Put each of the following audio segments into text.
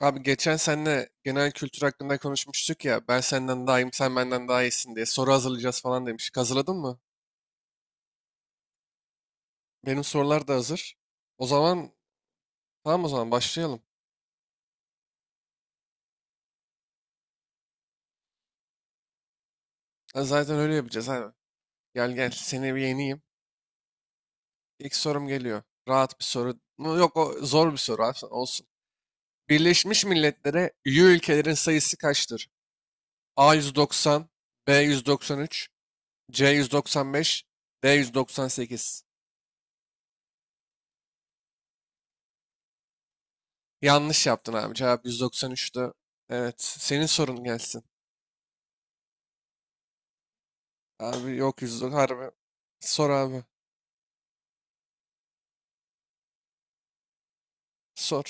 Abi geçen seninle genel kültür hakkında konuşmuştuk ya. Ben senden daha iyiyim, sen benden daha iyisin diye. Soru hazırlayacağız falan demiştik. Hazırladın mı? Benim sorular da hazır. O zaman Tamam o zaman başlayalım. Ha, zaten öyle yapacağız abi. Gel gel seni bir yeneyim. İlk sorum geliyor. Rahat bir soru. Yok, o zor bir soru abi olsun. Birleşmiş Milletler'e üye ülkelerin sayısı kaçtır? A 190, B 193, C 195, D 198. Yanlış yaptın abi. Cevap 193'tü. Evet. Senin sorun gelsin. Abi yok 190. Harbi. Sor abi. Sor.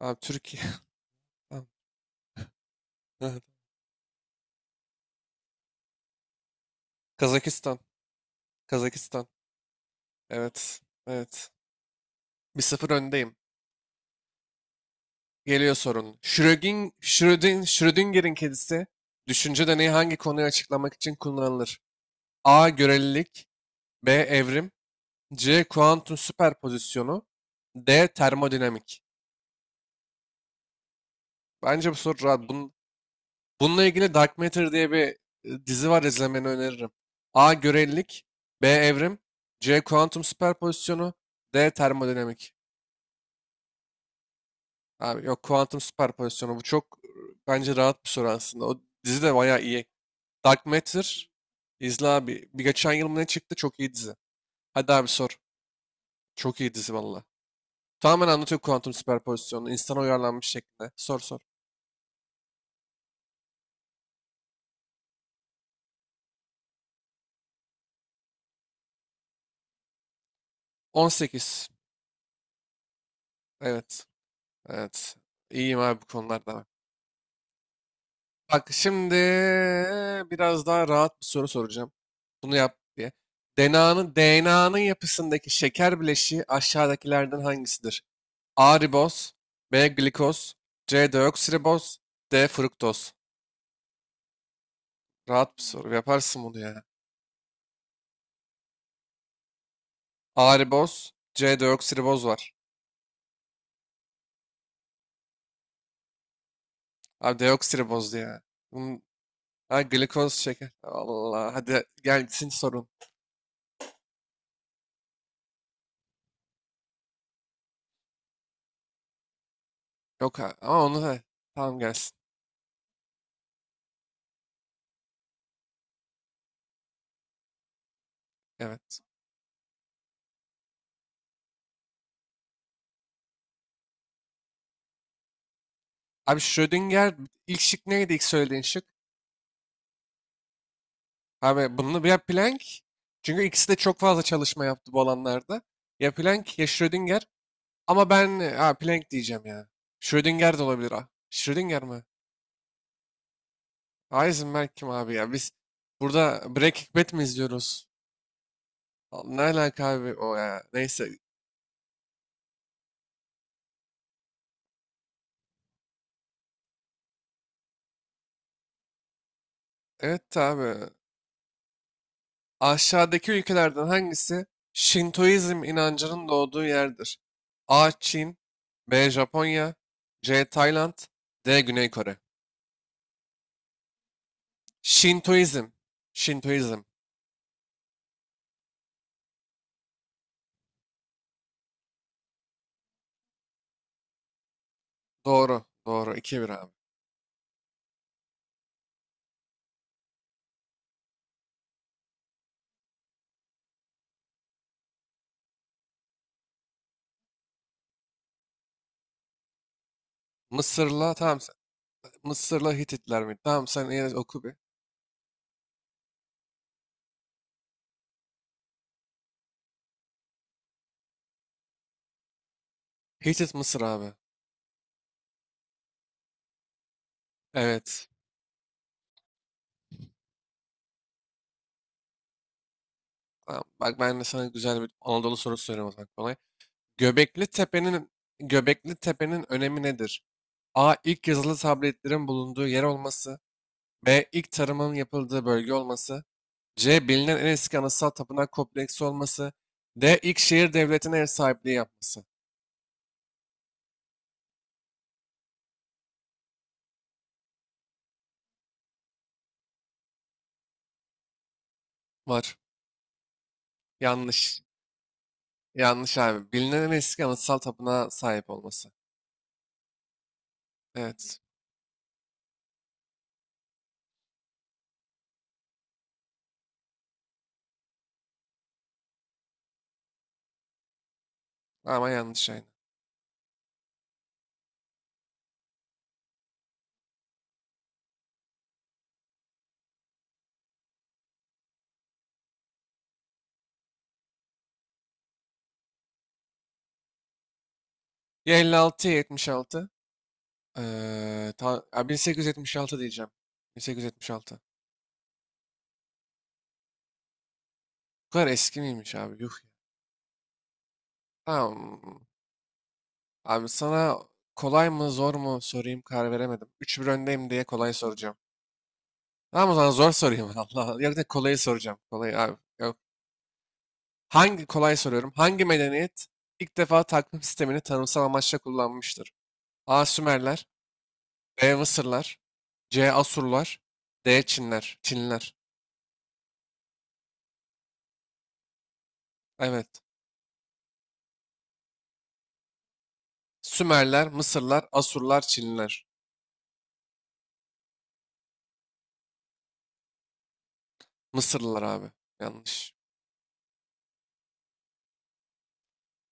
Abi Türkiye. Tamam. Evet. Kazakistan. Kazakistan. Evet. Evet. 1-0 öndeyim. Geliyor sorun. Schrödinger'in kedisi düşünce deneyi hangi konuyu açıklamak için kullanılır? A. Görelilik. B. Evrim. C. Kuantum süperpozisyonu. D. Termodinamik. Bence bu soru rahat. Bununla ilgili Dark Matter diye bir dizi var, izlemeni öneririm. A. Görelilik. B. Evrim. C. Kuantum süperpozisyonu. D. Termodinamik. Abi yok, kuantum süperpozisyonu. Bu çok bence rahat bir soru aslında. O dizi de bayağı iyi. Dark Matter izle abi. Bir geçen yıl mı ne çıktı, çok iyi dizi. Hadi abi sor. Çok iyi dizi valla. Tamamen anlatıyor kuantum süperpozisyonunu, insana uyarlanmış şekilde. Sor sor. 18. Evet. Evet. İyiyim abi bu konularda. Bak şimdi biraz daha rahat bir soru soracağım. Bunu yap diye. DNA'nın yapısındaki şeker bileşiği aşağıdakilerden hangisidir? A riboz, B glikoz, C deoksiriboz, D fruktoz. Rahat bir soru. Yaparsın bunu ya. A riboz, C deoksiriboz var. Abi deoksiriboz ya. Bunun- Ha, glikoz şeker. Allah, hadi gelsin sorun. Yok, ama onu da tamam gelsin. Evet. Abi Schrödinger, ilk şık neydi, ilk söylediğin şık? Abi bunu ya Planck, çünkü ikisi de çok fazla çalışma yaptı bu alanlarda. Ya Planck ya Schrödinger, ama ben Planck diyeceğim ya. Schrödinger de olabilir. Ha. Schrödinger mi? Heisenberg kim abi ya? Biz burada Breaking Bad mi izliyoruz? Ne alaka abi o ya? Neyse. Evet abi. Aşağıdaki ülkelerden hangisi Şintoizm inancının doğduğu yerdir? A. Çin. B. Japonya. C. Tayland. D. Güney Kore. Şintoizm. Şintoizm. Doğru. Doğru. 2-1 abi. Mısır'la tamam. Mısır'la Hititler mi? Tamam, sen yine oku bir. Hitit Mısır abi. Evet. Tamam. Bak, ben de sana güzel bir Anadolu sorusu soruyorum o zaman, kolay. Göbekli Tepe'nin Göbekli Tepe'nin önemi nedir? A. İlk yazılı tabletlerin bulunduğu yer olması. B. İlk tarımın yapıldığı bölge olması. C. Bilinen en eski anıtsal tapınak kompleksi olması. D. İlk şehir devletine ev sahipliği yapması. Var. Yanlış. Yanlış abi. Bilinen en eski anıtsal tapınağa sahip olması. Evet. Ama yanlış aynı. Ya 56 ya 76. Ya 1876 diyeceğim. 1876. Bu kadar eski miymiş abi? Yuh. Tamam. Abi sana kolay mı zor mu sorayım karar veremedim. 3-1 öndeyim diye kolay soracağım. Tamam, o zaman zor sorayım. Allah Allah. Yok, da kolayı soracağım. Kolay abi. Yok. Hangi kolay soruyorum? Hangi medeniyet ilk defa takvim sistemini tanımsal amaçla kullanmıştır? A. Sümerler. B. Mısırlar. C. Asurlar. D. Çinler. Çinler. Evet. Sümerler, Mısırlar, Asurlar, Çinliler. Mısırlılar abi. Yanlış.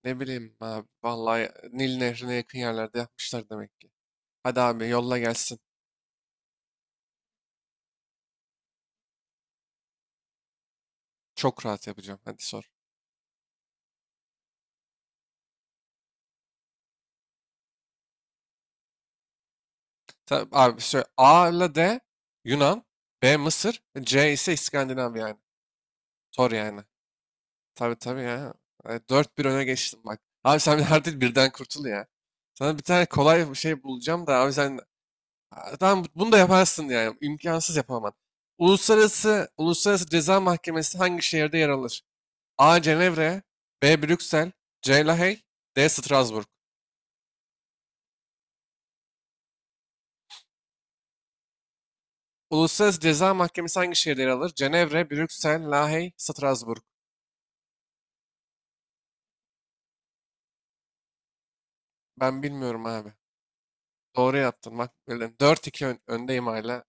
Ne bileyim abi. Vallahi Nil Nehri'ne yakın yerlerde yapmışlar demek ki. Hadi abi, yolla gelsin. Çok rahat yapacağım. Hadi sor. Abi söyle. A ile D Yunan. B Mısır. C ise İskandinav yani. Sor yani. Tabii tabii ya. Evet, 4-1 öne geçtim bak. Abi sen artık birden kurtul ya. Sana bir tane kolay bir şey bulacağım da abi sen. Aa, tamam, bunu da yaparsın yani. İmkansız, yapamam. Uluslararası Ceza Mahkemesi hangi şehirde yer alır? A. Cenevre. B. Brüksel. C. Lahey. D. Strasbourg. Uluslararası Ceza Mahkemesi hangi şehirde yer alır? Cenevre, Brüksel, Lahey, Strasbourg. Ben bilmiyorum abi. Doğru yaptın bak. Böyle 4-2 öndeyim hala.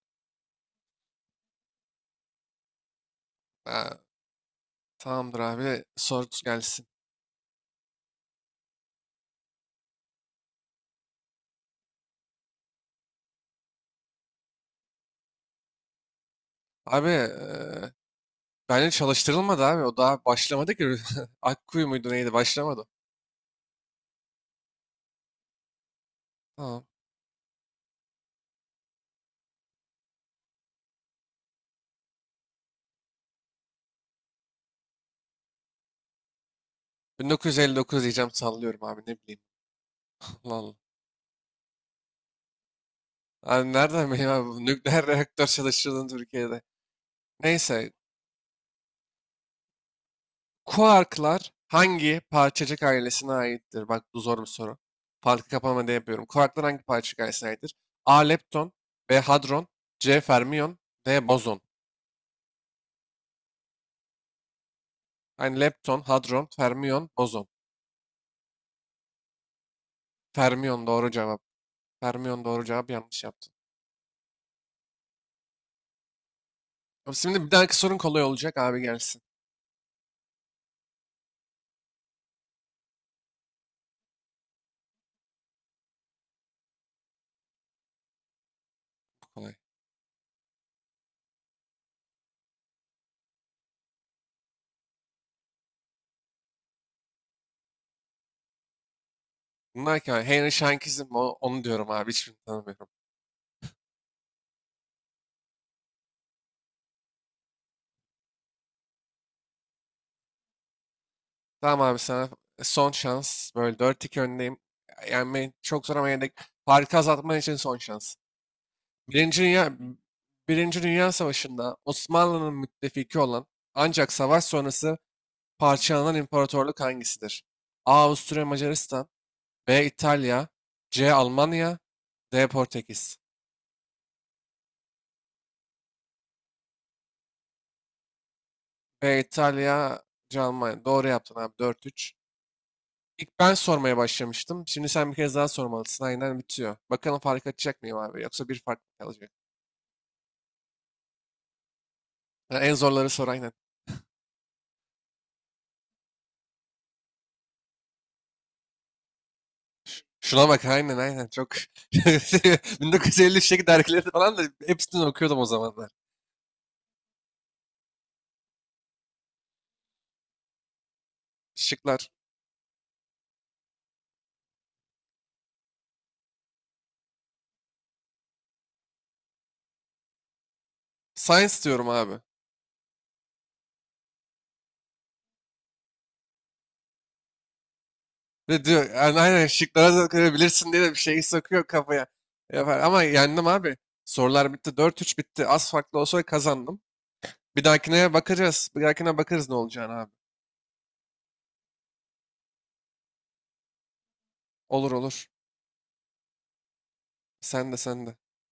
Aa, tamamdır abi. Sorusu gelsin. Abi bence çalıştırılmadı abi. O daha başlamadı ki. Akkuyu muydu neydi? Başlamadı. Tamam. 1959 diyeceğim, sallıyorum abi, ne bileyim. Allah Allah. Abi nereden bileyim abi bu nükleer reaktör çalıştırıldığını Türkiye'de. Neyse. Kuarklar hangi parçacık ailesine aittir? Bak bu zor bir soru. Farkı kapama diye yapıyorum. Kuarklar hangi parçacık ailesine aittir? A. Lepton. B. Hadron. C. Fermiyon. D. Bozon. Yani lepton, hadron, fermiyon, bozon. Fermiyon doğru cevap. Fermiyon doğru cevap, yanlış yaptın. Abi şimdi bir dahaki sorun kolay olacak abi, gelsin. Kolay. Bunlar ki abi, Henry Shankizm, onu diyorum abi, hiçbirini tanımıyorum. Tamam abi, sana son şans. Böyle dört 2 öndeyim. Yani çok zor ama yine de farkı azaltman için son şans. Birinci Dünya, Birinci Dünya Savaşı'nda Osmanlı'nın müttefiki olan ancak savaş sonrası parçalanan imparatorluk hangisidir? A. Avusturya Macaristan. B. İtalya. C. Almanya. D. Portekiz. B. İtalya. C. Almanya. Doğru yaptın abi, 4-3. İlk ben sormaya başlamıştım. Şimdi sen bir kez daha sormalısın. Aynen bitiyor. Bakalım fark açacak mıyım abi? Yoksa bir fark mı kalacak? Ha, en zorları sor aynen. Şuna bak, aynen aynen. Çok 1953'teki dergileri falan da hepsini okuyordum o zamanlar. Şıklar. Science diyorum abi. Ve diyor yani aynen, şıklara da görebilirsin diye de bir şey sokuyor kafaya. Yapar. Ama yendim abi. Sorular bitti. 4-3 bitti. Az farklı olsa kazandım. Bir dahakine bakacağız. Bir dahakine bakarız ne olacağını abi. Olur olur. Sen de sen de.